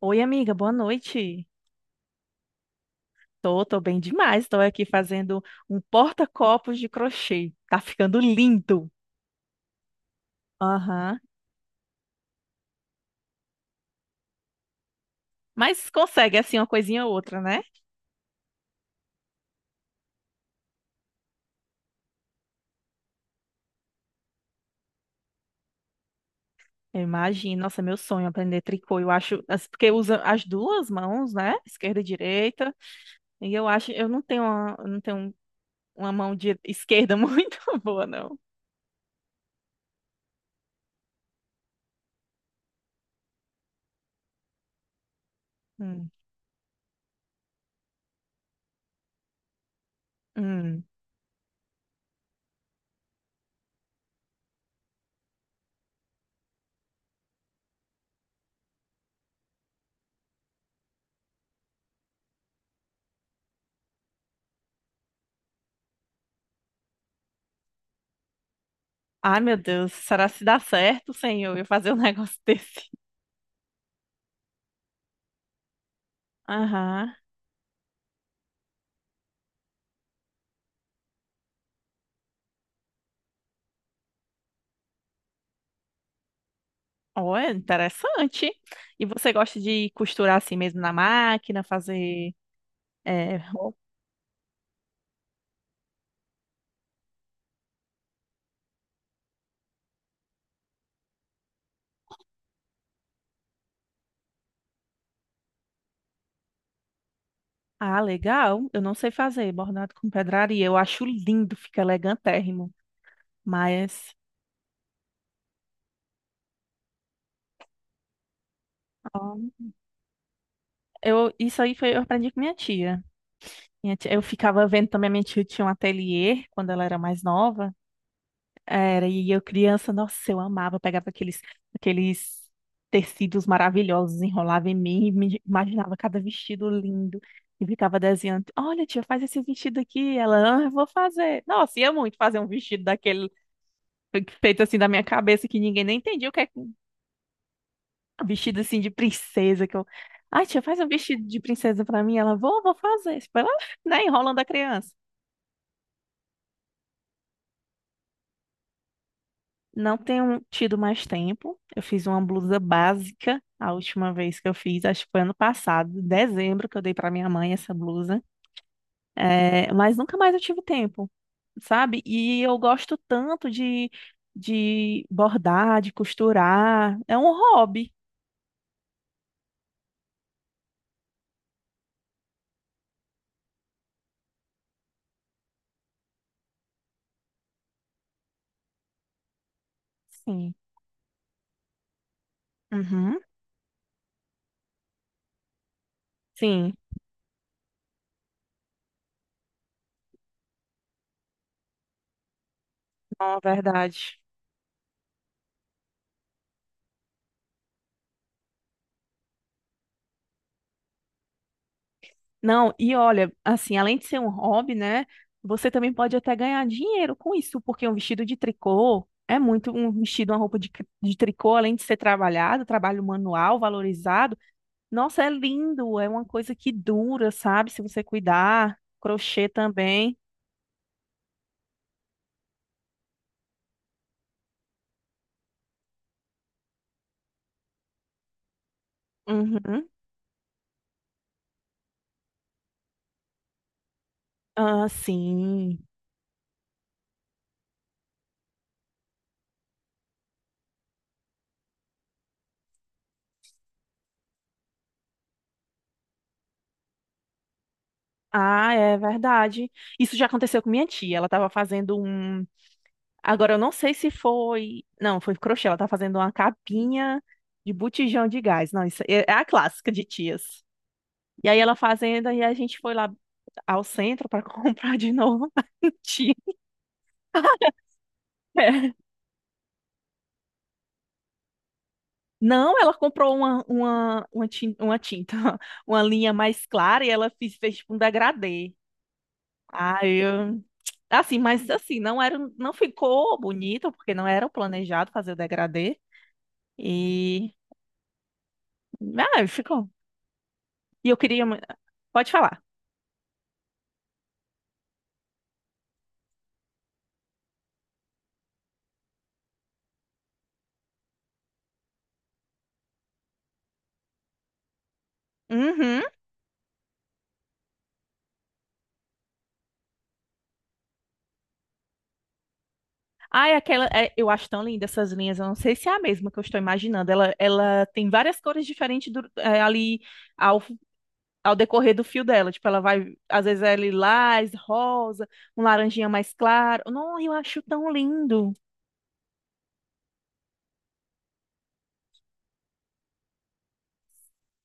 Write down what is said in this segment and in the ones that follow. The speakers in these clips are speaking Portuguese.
Oi, amiga, boa noite. Tô bem demais. Tô aqui fazendo um porta-copos de crochê. Tá ficando lindo. Aham. Mas consegue, assim, uma coisinha ou outra, né? Eu imagino. Nossa, meu sonho é aprender tricô. Eu acho, porque usa as duas mãos, né? Esquerda e direita. E eu acho, eu não tenho uma mão de esquerda muito boa, não. Hum, hum. Ai, meu Deus. Será se dá certo, senhor, eu fazer um negócio desse? Aham. Oh, é interessante. E você gosta de costurar assim mesmo na máquina, fazer, é, roupa? Ah, legal. Eu não sei fazer bordado com pedraria. Eu acho lindo, fica elegantérrimo. Mas ó, eu, isso aí foi, eu aprendi com minha tia. Eu ficava vendo também, a minha tia tinha um ateliê quando ela era mais nova. Era, e eu criança, nossa, eu amava, eu pegava aqueles tecidos maravilhosos, enrolava em mim, e me imaginava cada vestido lindo, e ficava desenhando: olha tia, faz esse vestido aqui, ela: ah, eu vou fazer. Nossa, ia muito fazer um vestido daquele, feito assim da minha cabeça, que ninguém nem entendia o que é um vestido assim de princesa, que eu: ai tia, faz um vestido de princesa pra mim, ela: vou fazer, tipo, ela, né, enrolando a criança. Não tenho tido mais tempo. Eu fiz uma blusa básica a última vez que eu fiz, acho que foi ano passado, em dezembro, que eu dei para minha mãe essa blusa. É, mas nunca mais eu tive tempo, sabe? E eu gosto tanto de bordar, de costurar. É um hobby. Sim. Uhum. Sim, é uma verdade. Não, e olha, assim, além de ser um hobby, né? Você também pode até ganhar dinheiro com isso, porque um vestido de tricô é muito um vestido, uma roupa de tricô, além de ser trabalhado, trabalho manual, valorizado. Nossa, é lindo, é uma coisa que dura, sabe? Se você cuidar, crochê também. Uhum. Ah, sim. Ah, é verdade. Isso já aconteceu com minha tia. Ela estava fazendo um... Agora, eu não sei se foi. Não, foi crochê. Ela tá fazendo uma capinha de botijão de gás. Não, isso é a clássica de tias. E aí ela fazendo, e a gente foi lá ao centro para comprar de novo uma tinta. É. Não, ela comprou uma tinta, uma linha mais clara e ela fez tipo um degradê. Ah, eu... Assim, mas assim, não era, não ficou bonito, porque não era o planejado fazer o degradê. E... Ah, ficou. E eu queria, pode falar. Uhum. Ai, aquela, é, eu acho tão linda essas linhas. Eu não sei se é a mesma que eu estou imaginando. Ela tem várias cores diferentes é, ali ao, ao decorrer do fio dela. Tipo, ela vai, às vezes é lilás, rosa, um laranjinha mais claro. Não, eu acho tão lindo.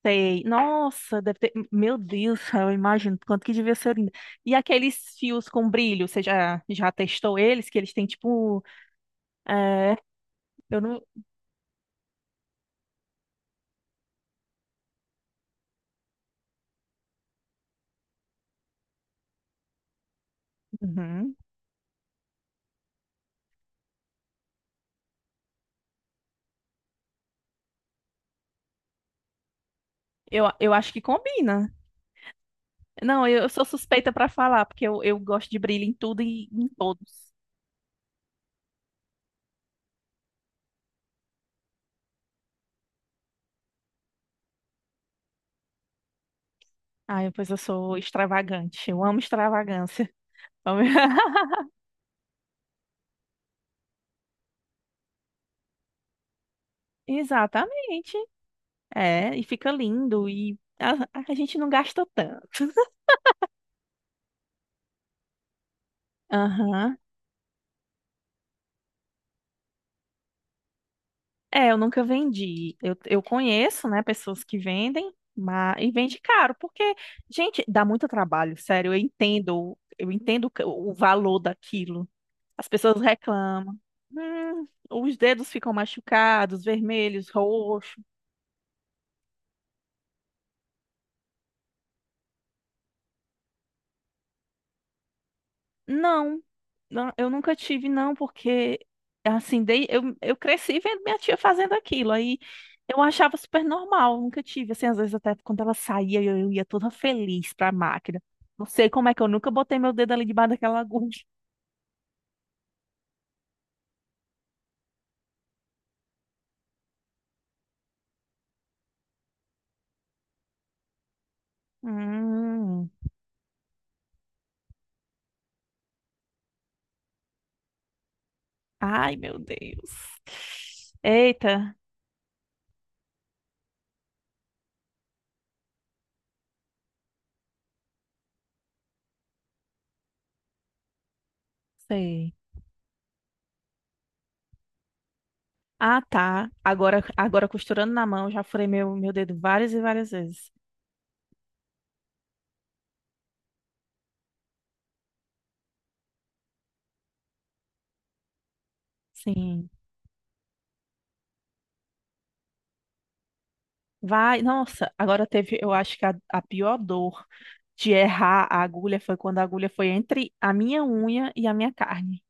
Sei. Nossa, deve ter. Meu Deus, eu imagino quanto que devia ser lindo. E aqueles fios com brilho, você já testou eles? Que eles têm tipo, é, eu não. Uhum. Eu acho que combina. Não, eu sou suspeita pra falar, porque eu gosto de brilho em tudo e em todos. Ah, pois eu sou extravagante. Eu amo extravagância. Exatamente. É, e fica lindo e a gente não gasta tanto. Aham. É, eu nunca vendi. Eu conheço, né, pessoas que vendem, mas e vende caro, porque, gente, dá muito trabalho, sério, eu entendo o valor daquilo. As pessoas reclamam. Os dedos ficam machucados, vermelhos, roxo. Não, não, eu nunca tive, não, porque assim, dei, eu cresci vendo minha tia fazendo aquilo. Aí eu achava super normal, nunca tive. Assim, às vezes até quando ela saía, eu ia toda feliz pra máquina. Não sei como é que eu nunca botei meu dedo ali debaixo daquela agulha. Hum, ai, meu Deus. Eita, sei. Ah, tá. Agora costurando na mão, já furei meu dedo várias e várias vezes. Sim. Vai, nossa, agora teve, eu acho que a pior dor de errar a agulha foi quando a agulha foi entre a minha unha e a minha carne.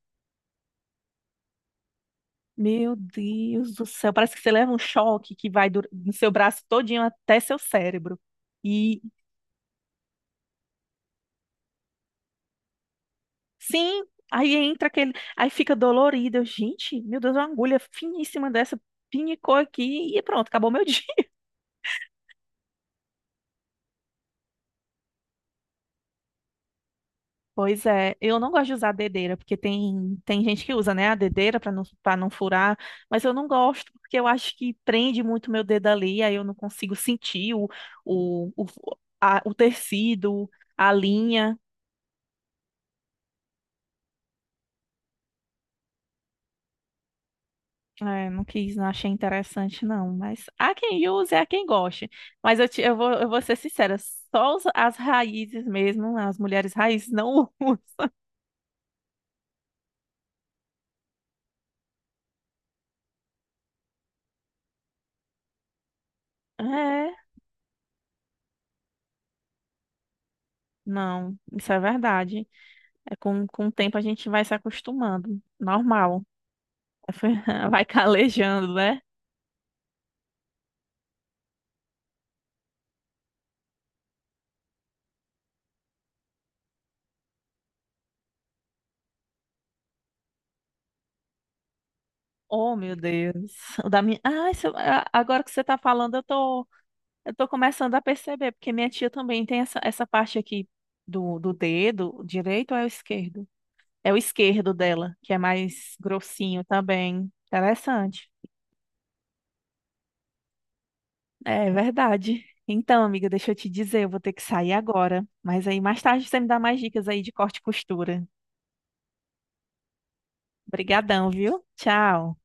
Meu Deus do céu, parece que você leva um choque que vai no seu braço todinho até seu cérebro. E sim, aí entra aquele, aí fica dolorido. Eu, gente, meu Deus, uma agulha finíssima dessa pinicou aqui e pronto, acabou meu dia. Pois é, eu não gosto de usar dedeira, porque tem gente que usa, né, a dedeira para não furar, mas eu não gosto porque eu acho que prende muito meu dedo ali, aí eu não consigo sentir o, o, o tecido, a linha. É, não quis, não achei interessante, não. Mas há quem use, há quem goste. Mas eu vou ser sincera, só as raízes mesmo, as mulheres raízes não usam. É, não, isso é verdade. É, com o tempo a gente vai se acostumando. Normal. Vai calejando, né? Oh, meu Deus. O da minha... Ah, se a- agora que você tá falando, eu tô começando a perceber, porque minha tia também tem essa parte aqui do dedo, o direito ou é o esquerdo? É o esquerdo dela, que é mais grossinho também. Interessante. É verdade. Então, amiga, deixa eu te dizer, eu vou ter que sair agora. Mas aí mais tarde você me dá mais dicas aí de corte e costura. Obrigadão, viu? Tchau.